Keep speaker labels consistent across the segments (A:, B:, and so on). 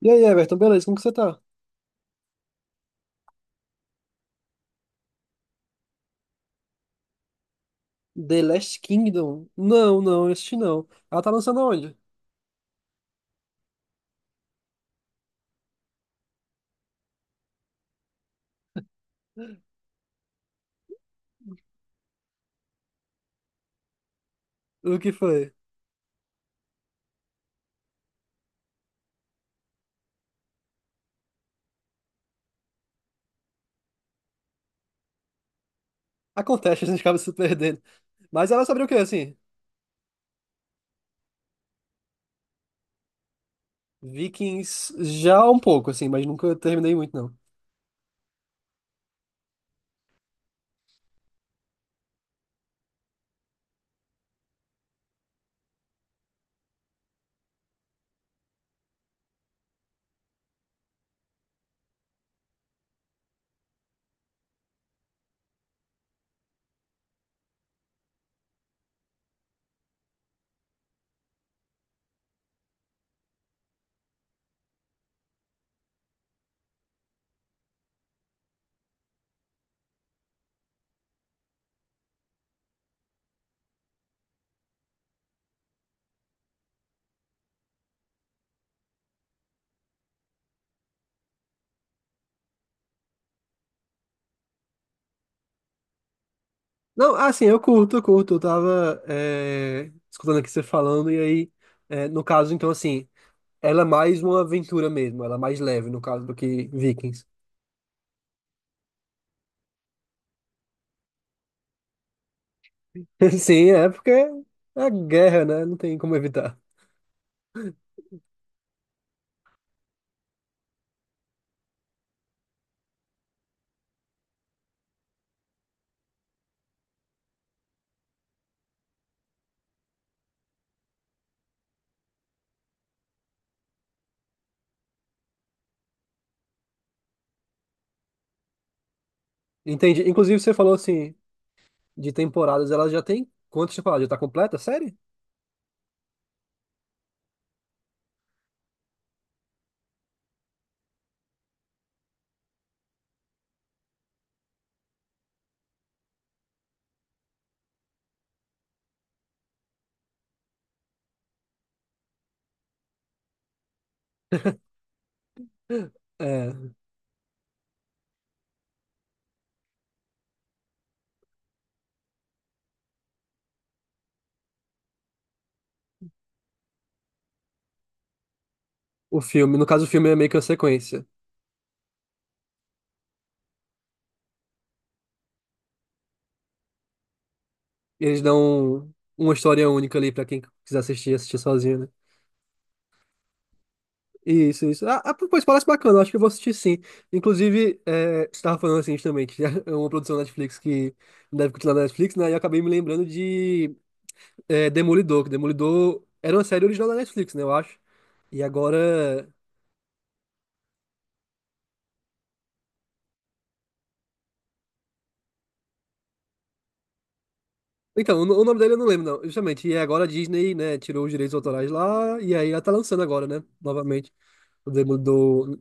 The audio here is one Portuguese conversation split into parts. A: E aí, Everton, beleza? Como que você tá? The Last Kingdom? Não, não, este não. Ela tá lançando onde? O que foi? Acontece, a gente acaba se perdendo. Mas ela é sobre o quê, assim? Vikings já um pouco, assim, mas nunca terminei muito, não. Não, ah, sim, eu curto, eu curto. Eu tava escutando aqui você falando, e aí, no caso, então, assim, ela é mais uma aventura mesmo, ela é mais leve, no caso, do que Vikings. Sim, é porque é guerra, né? Não tem como evitar. Entendi. Inclusive, você falou assim. De temporadas, ela já tem quantas temporadas? Já tá completa a série? É, o filme, no caso o filme é meio que uma sequência. Eles dão uma história única ali pra quem quiser assistir, assistir sozinho, né? Isso, isso. Ah, ah, pois parece bacana, eu acho que eu vou assistir sim. Inclusive, você tava falando assim justamente, é uma produção da Netflix que deve continuar na Netflix, né? E eu acabei me lembrando de Demolidor, que Demolidor era uma série original da Netflix, né? Eu acho. E agora então, o nome dele eu não lembro, não. Justamente, e agora a Disney, né, tirou os direitos autorais lá, e aí ela tá lançando agora, né, novamente, o Demolidor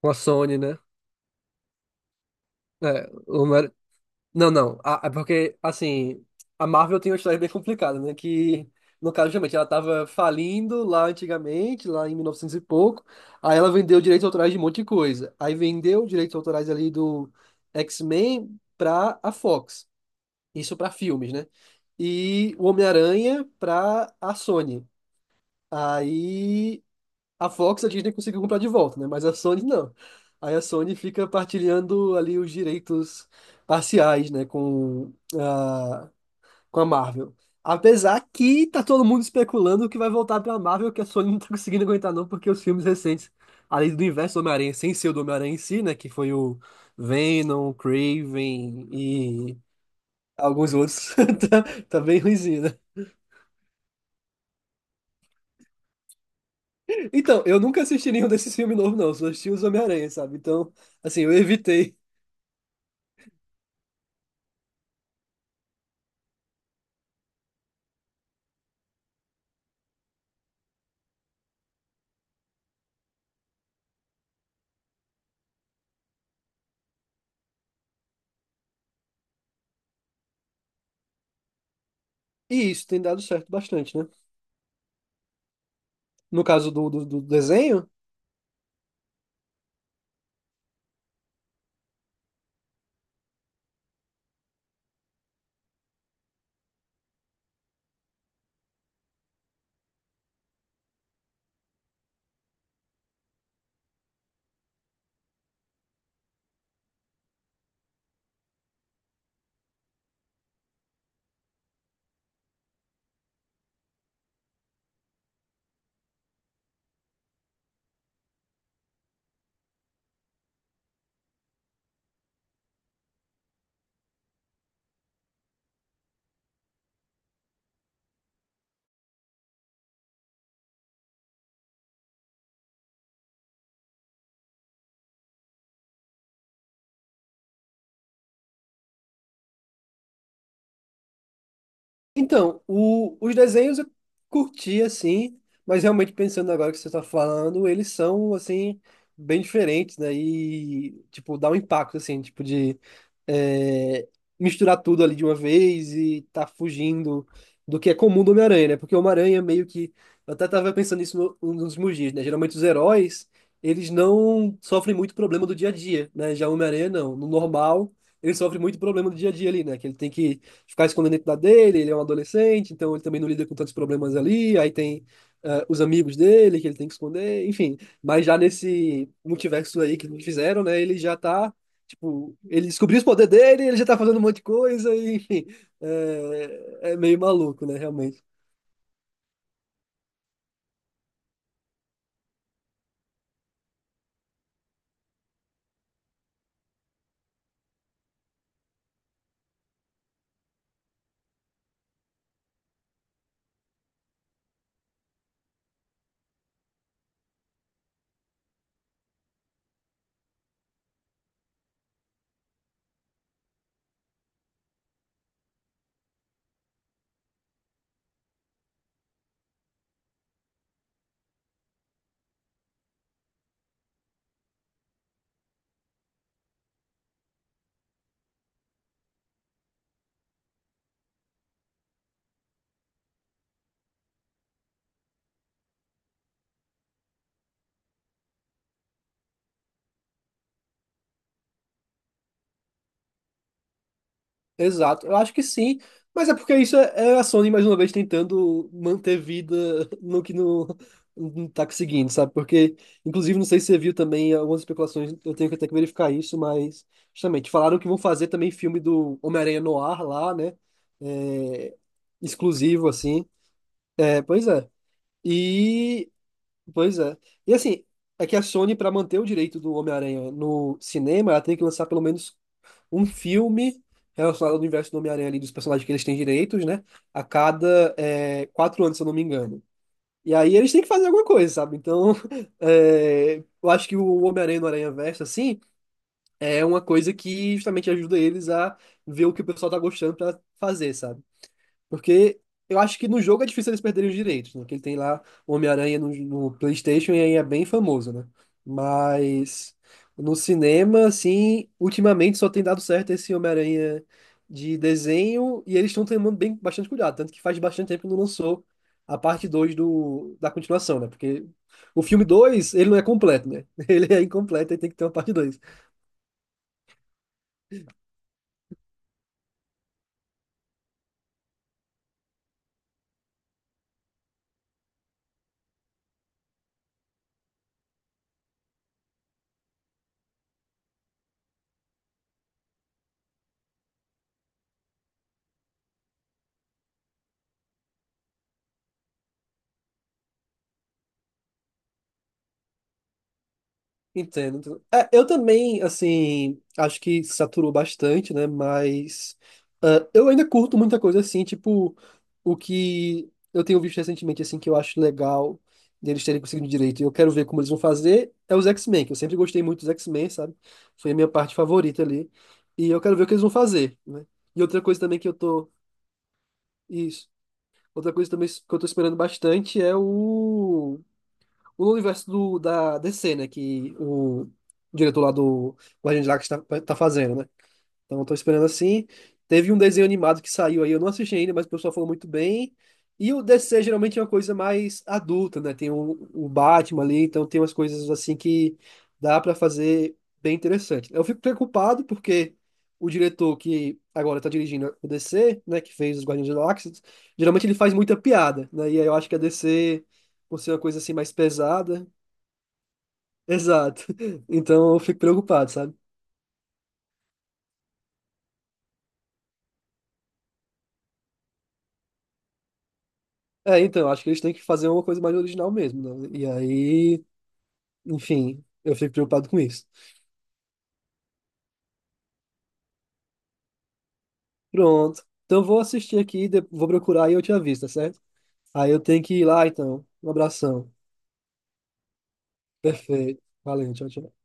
A: com a Sony, né? É, o Não, não, é porque, assim, a Marvel tem uma história bem complicada, né, que, no caso, justamente, ela tava falindo lá antigamente, lá em 1900 e novecentos e pouco, aí ela vendeu direitos autorais de um monte de coisa, aí vendeu direitos autorais ali do X-Men pra a Fox. Isso para filmes, né? E o Homem-Aranha para a Sony. Aí a Fox, a Disney conseguiu comprar de volta, né? Mas a Sony não. Aí a Sony fica partilhando ali os direitos parciais, né? Com a, com a Marvel. Apesar que tá todo mundo especulando que vai voltar pra Marvel, que a Sony não tá conseguindo aguentar não, porque os filmes recentes, além do universo do Homem-Aranha, sem ser o do Homem-Aranha em si, né? Que foi o Venom, Craven, alguns outros. Tá, tá bem ruimzinho, né? Então, eu nunca assisti nenhum desses filmes novos, não. Eu só assisti os Homem-Aranha, sabe? Então, assim, eu evitei. E isso tem dado certo bastante, né? No caso do desenho. Então, o- os desenhos eu curti assim, mas realmente pensando agora que você está falando, eles são assim bem diferentes, né? E tipo dá um impacto assim, tipo de é, misturar tudo ali de uma vez e tá fugindo do que é comum do Homem-Aranha, né? Porque o Homem-Aranha meio que eu até tava pensando nisso nos últimos dias, né? Geralmente os heróis eles não sofrem muito problema do dia a dia, né? Já o Homem-Aranha não, no normal ele sofre muito problema do dia a dia ali, né? Que ele tem que ficar escondendo a identidade dele, ele é um adolescente, então ele também não lida com tantos problemas ali, aí tem ah, os amigos dele que ele tem que esconder, enfim. Mas já nesse multiverso aí que me fizeram, né, ele já tá, tipo, ele descobriu os poderes dele, ele já tá fazendo um monte de coisa, e, enfim, é, é meio maluco, né, realmente. Exato, eu acho que sim, mas é porque isso é a Sony mais uma vez tentando manter vida no que não, não tá conseguindo, sabe? Porque, inclusive, não sei se você viu também algumas especulações, eu tenho que até que verificar isso, mas justamente falaram que vão fazer também filme do Homem-Aranha no ar lá, né? É, exclusivo, assim. É, pois é. E, pois é. E assim, é que a Sony, para manter o direito do Homem-Aranha no cinema, ela tem que lançar pelo menos um filme relacionado ao universo do Homem-Aranha ali, dos personagens que eles têm direitos, né? A cada 4 anos, se eu não me engano. E aí eles têm que fazer alguma coisa, sabe? Então, é, eu acho que o Homem-Aranha no Aranha-Verso, assim, é uma coisa que justamente ajuda eles a ver o que o pessoal tá gostando pra fazer, sabe? Porque eu acho que no jogo é difícil eles perderem os direitos, né? Que ele tem lá o Homem-Aranha no PlayStation e aí é bem famoso, né? Mas no cinema, assim, ultimamente só tem dado certo esse Homem-Aranha de desenho e eles estão tomando bem, bastante cuidado. Tanto que faz bastante tempo que não lançou a parte 2 da continuação, né? Porque o filme 2 ele não é completo, né? Ele é incompleto e tem que ter uma parte 2. Entendo, entendo. É, eu também, assim, acho que saturou bastante, né? Mas ah, eu ainda curto muita coisa assim, tipo, o que eu tenho visto recentemente, assim, que eu acho legal deles terem conseguido direito. E eu quero ver como eles vão fazer, é os X-Men, que eu sempre gostei muito dos X-Men, sabe? Foi a minha parte favorita ali. E eu quero ver o que eles vão fazer, né? E outra coisa também que eu tô. Isso. Outra coisa também que eu tô esperando bastante é o universo do, da DC, né? Que o diretor lá do Guardiões da Galáxia tá, tá fazendo, né? Então, eu tô esperando assim. Teve um desenho animado que saiu aí, eu não assisti ainda, mas o pessoal falou muito bem. E o DC geralmente é uma coisa mais adulta, né? Tem o Batman ali, então tem umas coisas assim que dá pra fazer bem interessante. Eu fico preocupado porque o diretor que agora tá dirigindo o DC, né, que fez os Guardiões da Galáxia, geralmente ele faz muita piada, né? E aí eu acho que a DC, por ser uma coisa assim mais pesada, exato. Então eu fico preocupado, sabe? É, então, acho que eles têm que fazer uma coisa mais original mesmo, né? E aí, enfim, eu fico preocupado com isso. Pronto. Então vou assistir aqui, vou procurar e eu te aviso, tá certo? Aí eu tenho que ir lá, então. Um abração. Perfeito. Valeu, tchau, tchau.